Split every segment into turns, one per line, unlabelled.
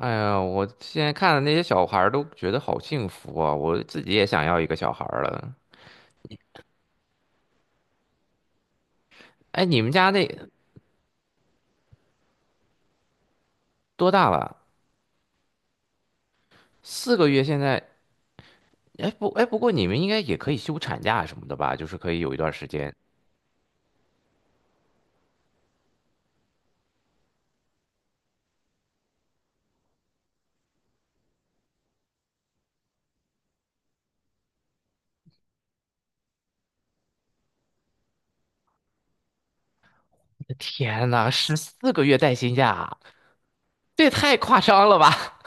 哎呀，我现在看的那些小孩儿都觉得好幸福啊！我自己也想要一个小孩儿了。哎，你们家那多大了？四个月现在？哎不过你们应该也可以休产假什么的吧？就是可以有一段时间。天呐，14个月带薪假，这也太夸张了吧！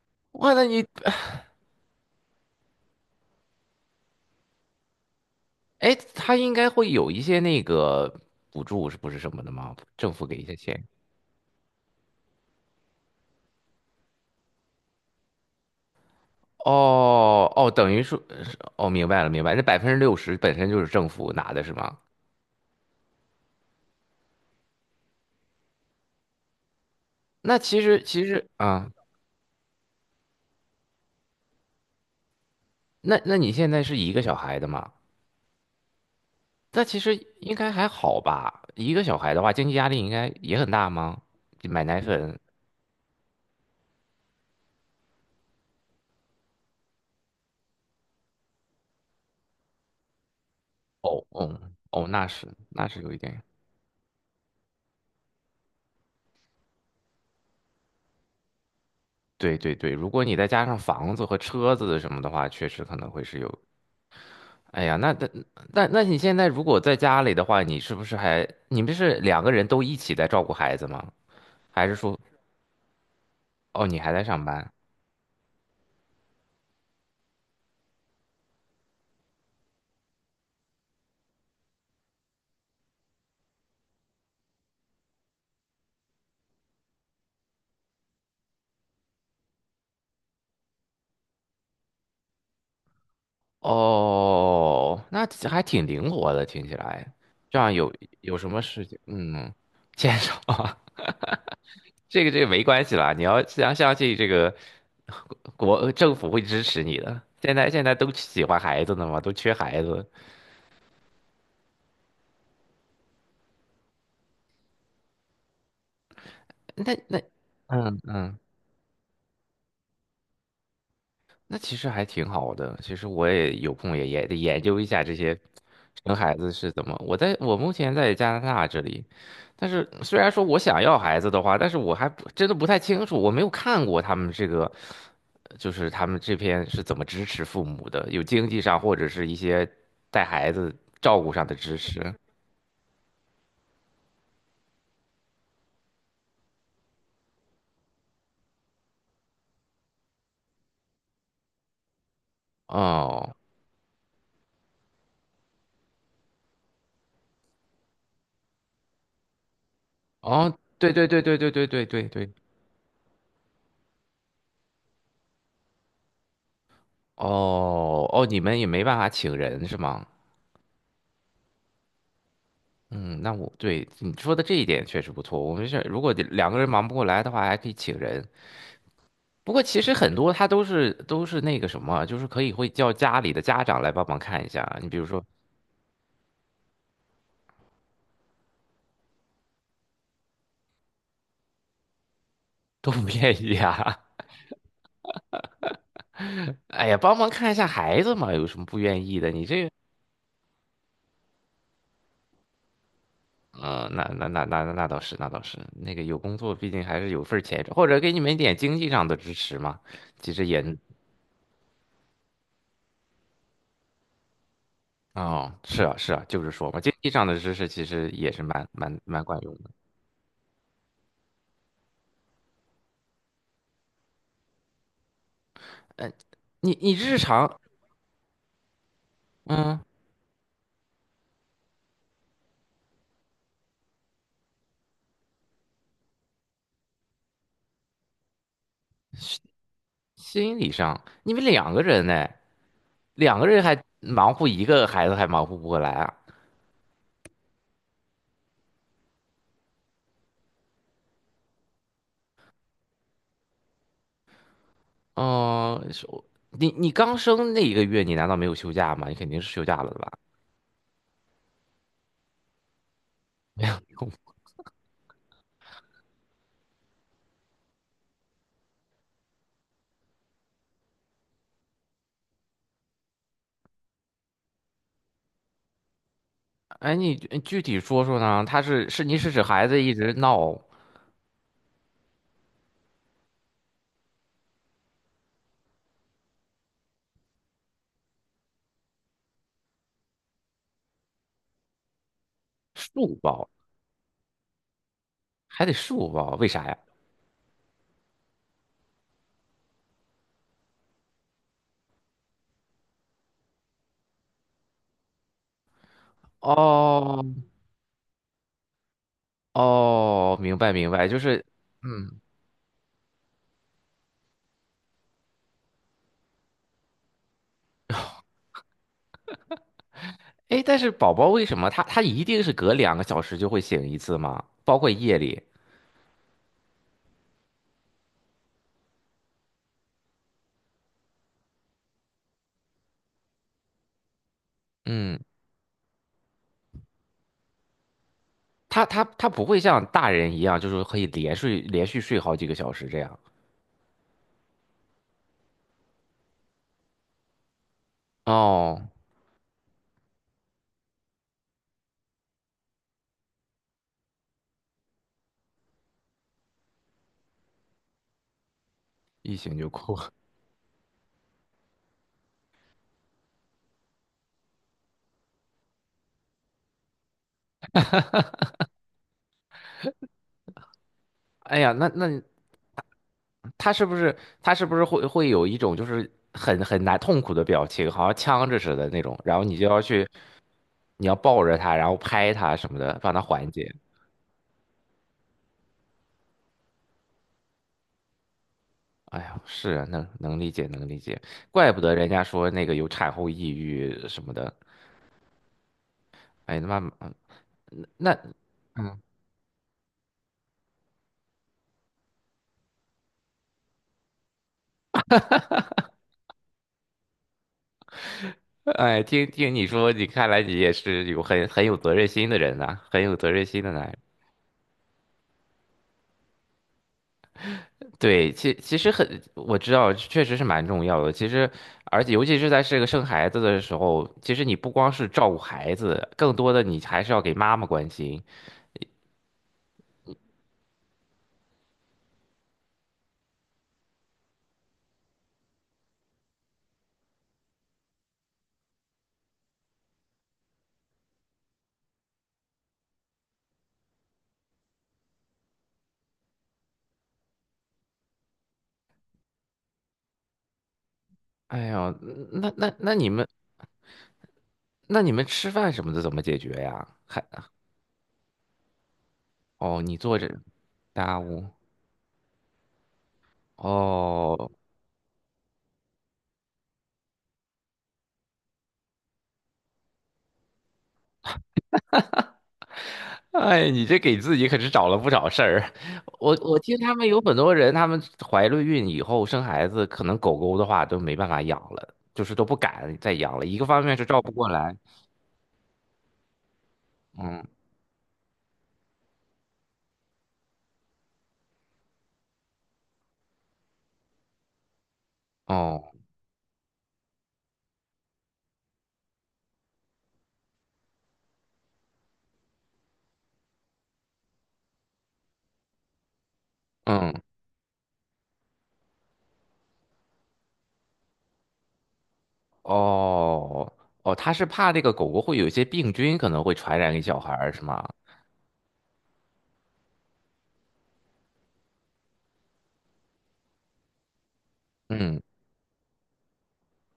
哇，那你，哎，他应该会有一些那个补助，是不是什么的吗？政府给一些钱。哦哦，等于说，哦，明白了，明白，那60%本身就是政府拿的是吗？那其实啊，那你现在是一个小孩的嘛？那其实应该还好吧？一个小孩的话，经济压力应该也很大吗？买奶粉，哦哦哦，那是有一点。对对对，如果你再加上房子和车子什么的话，确实可能会是有。哎呀，那你现在如果在家里的话，你是不是还你们是两个人都一起在照顾孩子吗？还是说哦你还在上班？哦，那还挺灵活的，听起来。这样有什么事情？嗯，牵手啊，这个没关系啦。你要相信这个国政府会支持你的。现在都喜欢孩子呢嘛，都缺孩子。那嗯嗯。那其实还挺好的。其实我也有空也得研究一下这些生孩子是怎么。我目前在加拿大这里，但是虽然说我想要孩子的话，但是我还不真的不太清楚，我没有看过他们这个，就是他们这边是怎么支持父母的，有经济上或者是一些带孩子照顾上的支持。哦哦，对对对对对对对对对，哦哦，你们也没办法请人是吗？嗯，那我对你说的这一点确实不错。我们是如果得两个人忙不过来的话，还可以请人。不过其实很多他都是那个什么，就是可以会叫家里的家长来帮忙看一下。你比如说 都不愿意啊，哎呀，帮忙看一下孩子嘛，有什么不愿意的？你这，呃，那倒是，那倒是，那个有工作，毕竟还是有份儿钱，或者给你们一点经济上的支持嘛。其实也，哦，是啊，是啊，就是说嘛，经济上的支持其实也是蛮管用的。嗯。你日常嗯，心理上你们两个人呢，两个人还忙活一个孩子还忙活不过来啊？嗯、是我你刚生那一个月，你难道没有休假吗？你肯定是休假了的吧？空哎，你具体说说呢？他是是你是指孩子一直闹竖抱，还得竖抱，为啥呀？哦哦，明白明白，就是嗯，哎，但是宝宝为什么他一定是隔2个小时就会醒一次吗？包括夜里，嗯。他不会像大人一样，就是可以连睡连续睡好几个小时这样。哦，一醒就哭。哎呀，那那他是不是他是不是会有一种就是很痛苦的表情，好像呛着似的那种，然后你就要去，你要抱着他，然后拍他什么的，帮他缓解。哎呀，是啊，能理解能理解，怪不得人家说那个有产后抑郁什么的。哎，那妈妈，那 哎，听听你说，你看来你也是有很有责任心的人呐、很有责任心的男人。对，其实很，我知道，确实是蛮重要的。其实，而且尤其是在这个生孩子的时候，其实你不光是照顾孩子，更多的你还是要给妈妈关心。哎呀，那那那你们那你们吃饭什么的怎么解决呀？还哦，你坐着，家务哦。哎，你这给自己可是找了不少事儿。我听他们有很多人，他们怀了孕以后生孩子，可能狗狗的话都没办法养了，就是都不敢再养了。一个方面是照顾不过来，嗯，哦，嗯，哦，哦，他是怕那个狗狗会有一些病菌，可能会传染给小孩儿，是吗？嗯，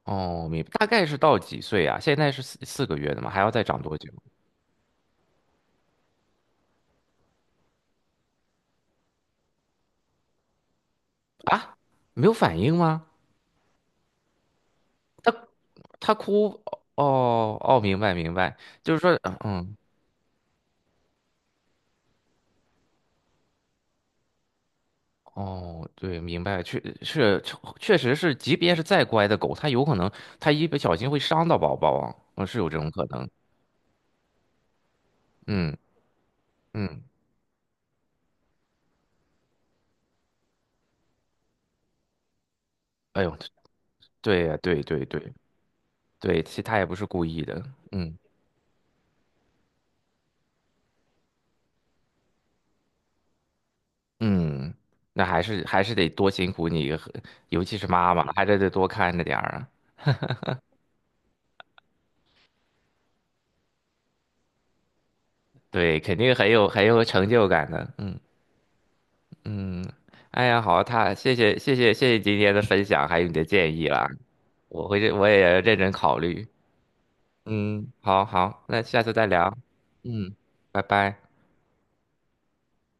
哦，明白。大概是到几岁啊？现在是四个月的吗？还要再长多久啊？没有反应吗？他他哭哦哦，明白明白，就是说嗯哦对，明白，确实是，即便是再乖的狗，它有可能它一不小心会伤到宝宝啊，嗯是有这种可能，嗯嗯，哎呦，对呀对对对对，其实它也不是故意的，嗯嗯，那还是得多辛苦你和尤其是妈妈，还是得多看着点儿啊，对，肯定很有成就感的，嗯。嗯，哎呀，好，他谢谢谢谢谢谢今天的分享，还有你的建议啦，我也认真考虑。嗯，好好，那下次再聊。嗯，拜拜。